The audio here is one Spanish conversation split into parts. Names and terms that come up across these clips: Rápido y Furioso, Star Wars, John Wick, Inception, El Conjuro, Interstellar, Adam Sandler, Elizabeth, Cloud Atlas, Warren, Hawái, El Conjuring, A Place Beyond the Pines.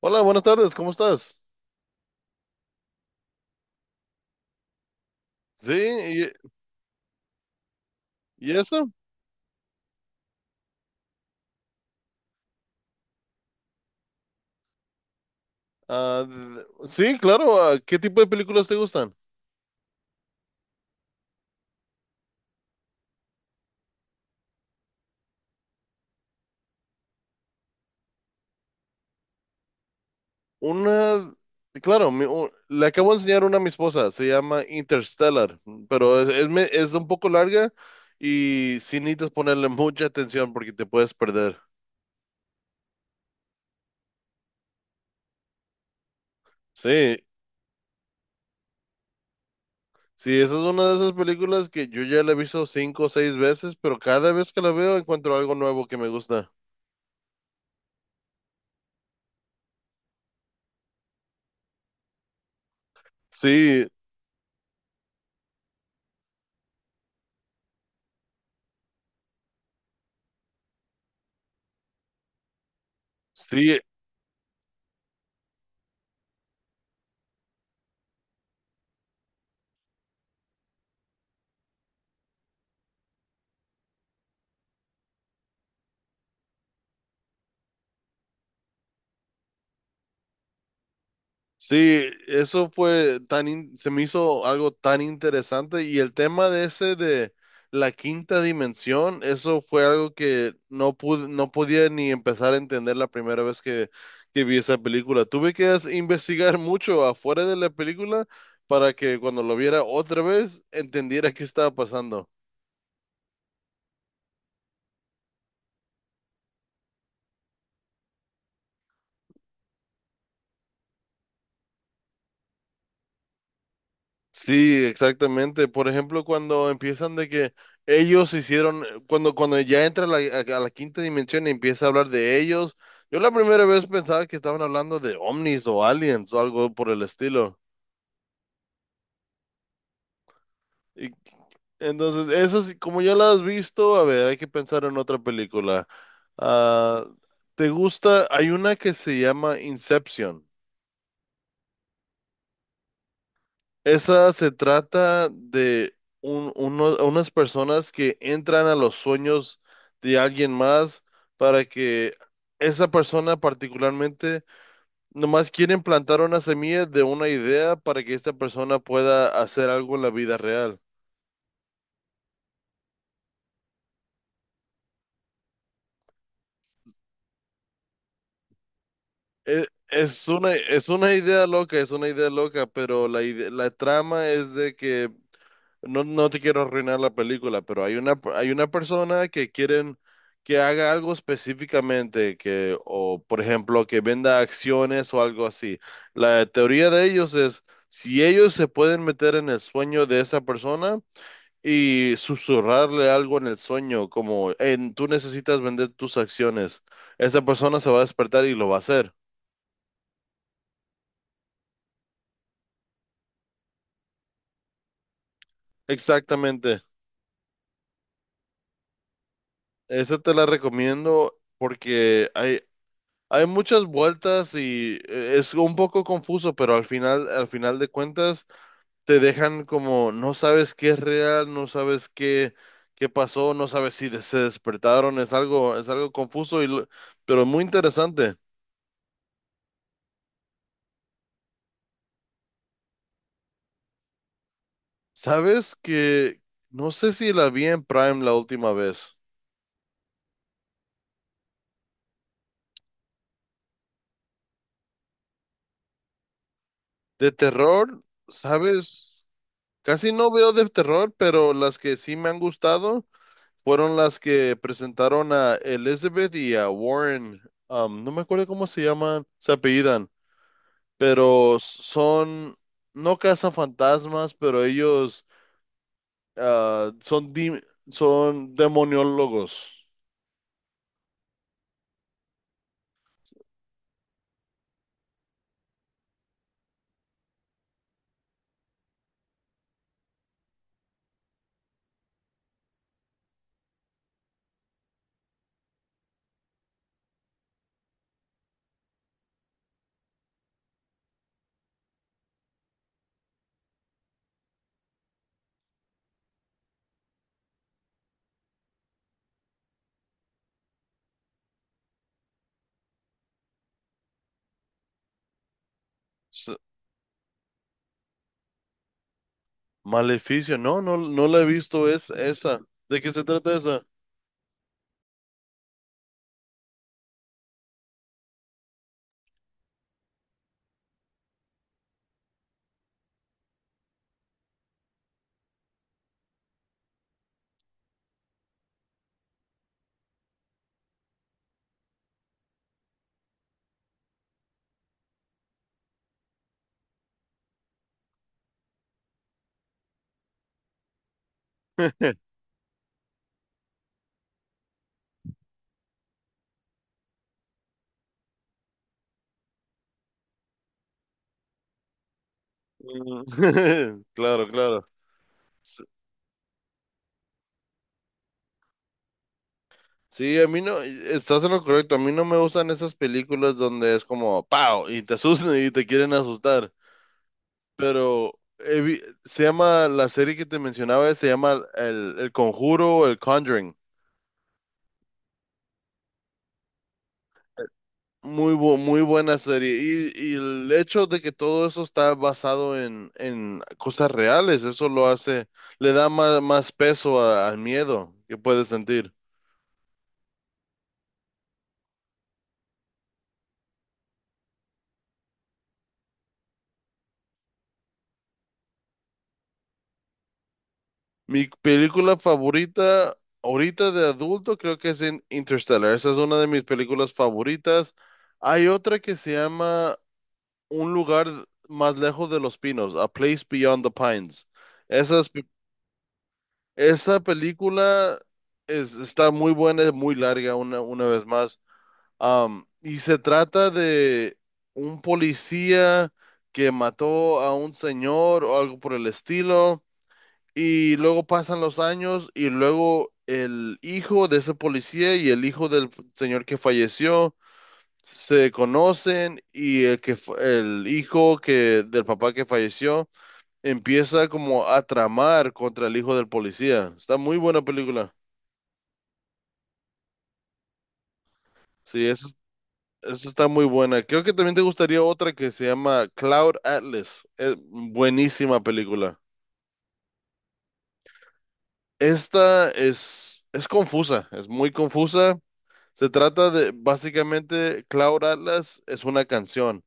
Hola, buenas tardes, ¿cómo estás? Sí, ¿y eso? Ah, sí, claro, ¿qué tipo de películas te gustan? Una, claro, le acabo de enseñar una a mi esposa, se llama Interstellar, pero es un poco larga y sí necesitas ponerle mucha atención porque te puedes perder. Sí, sí, esa es una de esas películas que yo ya la he visto cinco o seis veces, pero cada vez que la veo encuentro algo nuevo que me gusta. Sí, sí. Sí, eso fue se me hizo algo tan interesante, y el tema de ese de la quinta dimensión, eso fue algo que no podía ni empezar a entender la primera vez que vi esa película. Tuve que investigar mucho afuera de la película para que cuando lo viera otra vez entendiera qué estaba pasando. Sí, exactamente. Por ejemplo, cuando empiezan de que ellos hicieron, cuando ya entra a la quinta dimensión y empieza a hablar de ellos, yo la primera vez pensaba que estaban hablando de ovnis o aliens o algo por el estilo. Y entonces, eso sí, como ya las has visto, a ver, hay que pensar en otra película. Ah, ¿te gusta? Hay una que se llama Inception. Esa se trata de unas personas que entran a los sueños de alguien más, para que esa persona particularmente nomás quieren plantar una semilla de una idea para que esta persona pueda hacer algo en la vida real. Es una idea loca, es una idea loca, pero la trama es de que, no, no te quiero arruinar la película, pero hay una persona que quieren que haga algo específicamente, que, o por ejemplo, que venda acciones o algo así. La teoría de ellos es, si ellos se pueden meter en el sueño de esa persona y susurrarle algo en el sueño, como, "Hey, tú necesitas vender tus acciones, esa persona se va a despertar y lo va a hacer." Exactamente. Esa te la recomiendo porque hay muchas vueltas y es un poco confuso, pero al final de cuentas, te dejan como no sabes qué es real, no sabes qué pasó, no sabes si se despertaron, es algo confuso pero muy interesante. ¿Sabes que no sé si la vi en Prime la última vez? De terror, ¿sabes? Casi no veo de terror, pero las que sí me han gustado fueron las que presentaron a Elizabeth y a Warren. No me acuerdo cómo se llaman, se apellidan, pero son, no cazan fantasmas, pero ellos ah, son, dim- son demoniólogos. S- Maleficio, no la he visto es, esa. ¿De qué se trata esa? Mm. Claro, claro. S- Sí, a mí no, estás en lo correcto, a mí no me gustan esas películas donde es como, ¡pau! Y te asustan y te quieren asustar. Pero se llama, la serie que te mencionaba, se llama El Conjuro, El Conjuring. Muy buena serie. Y el hecho de que todo eso está basado en cosas reales, eso lo hace, le da más peso al miedo que puedes sentir. Mi película favorita ahorita de adulto creo que es Interstellar. Esa es una de mis películas favoritas. Hay otra que se llama un lugar más lejos de los pinos, A Place Beyond the Pines. Esa, es- Esa película es, está muy buena, es muy larga una vez más. Y se trata de un policía que mató a un señor o algo por el estilo. Y luego pasan los años y luego el hijo de ese policía y el hijo del señor que falleció se conocen, y el el hijo que del papá que falleció empieza como a tramar contra el hijo del policía. Está muy buena película. Sí, eso está muy buena. Creo que también te gustaría otra que se llama Cloud Atlas. Es buenísima película. Esta Es confusa, es muy confusa. Se trata de, básicamente Cloud Atlas es una canción.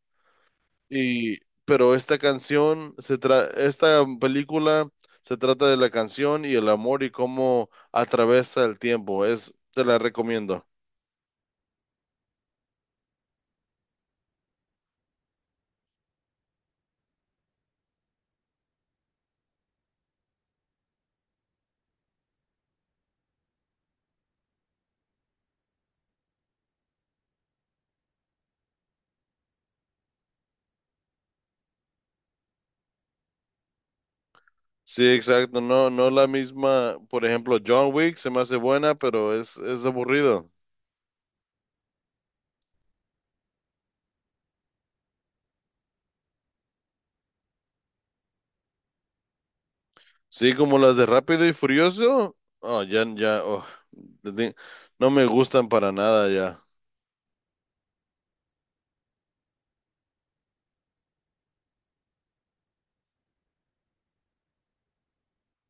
Y, pero esta canción, esta película se trata de la canción y el amor y cómo atraviesa el tiempo. Es, te la recomiendo. Sí, exacto. No, no la misma. Por ejemplo, John Wick se me hace buena, pero es aburrido. Sí, como las de Rápido y Furioso. Oh, ya, ya. Oh, de- de- no me gustan para nada ya.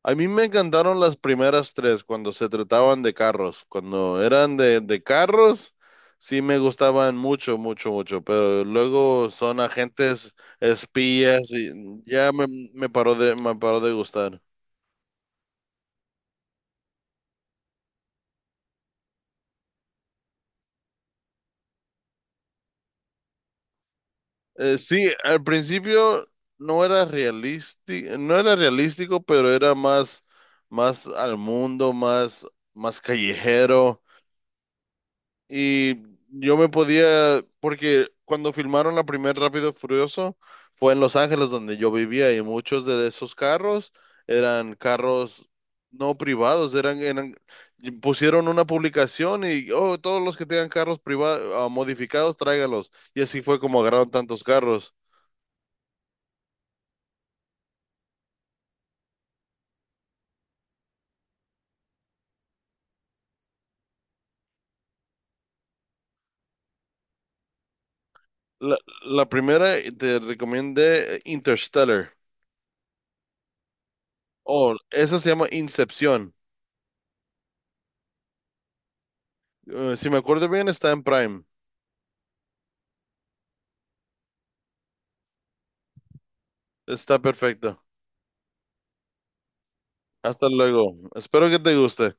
A mí me encantaron las primeras tres cuando se trataban de carros. Cuando eran de carros, sí me gustaban mucho, mucho, mucho. Pero luego son agentes espías y ya me, me paró de gustar. Sí, al principio no era realístico, no era realístico, pero era más, más al mundo, más, más callejero. Y yo me podía, porque cuando filmaron la primera Rápido y Furioso fue en Los Ángeles donde yo vivía, y muchos de esos carros eran carros no privados, eran, y pusieron una publicación y oh, todos los que tengan carros privados modificados, tráigalos. Y así fue como agarraron tantos carros. La, la primera te recomendé Interstellar. Oh, esa se llama Incepción. Si me acuerdo bien, está en Prime. Está perfecta. Hasta luego. Espero que te guste.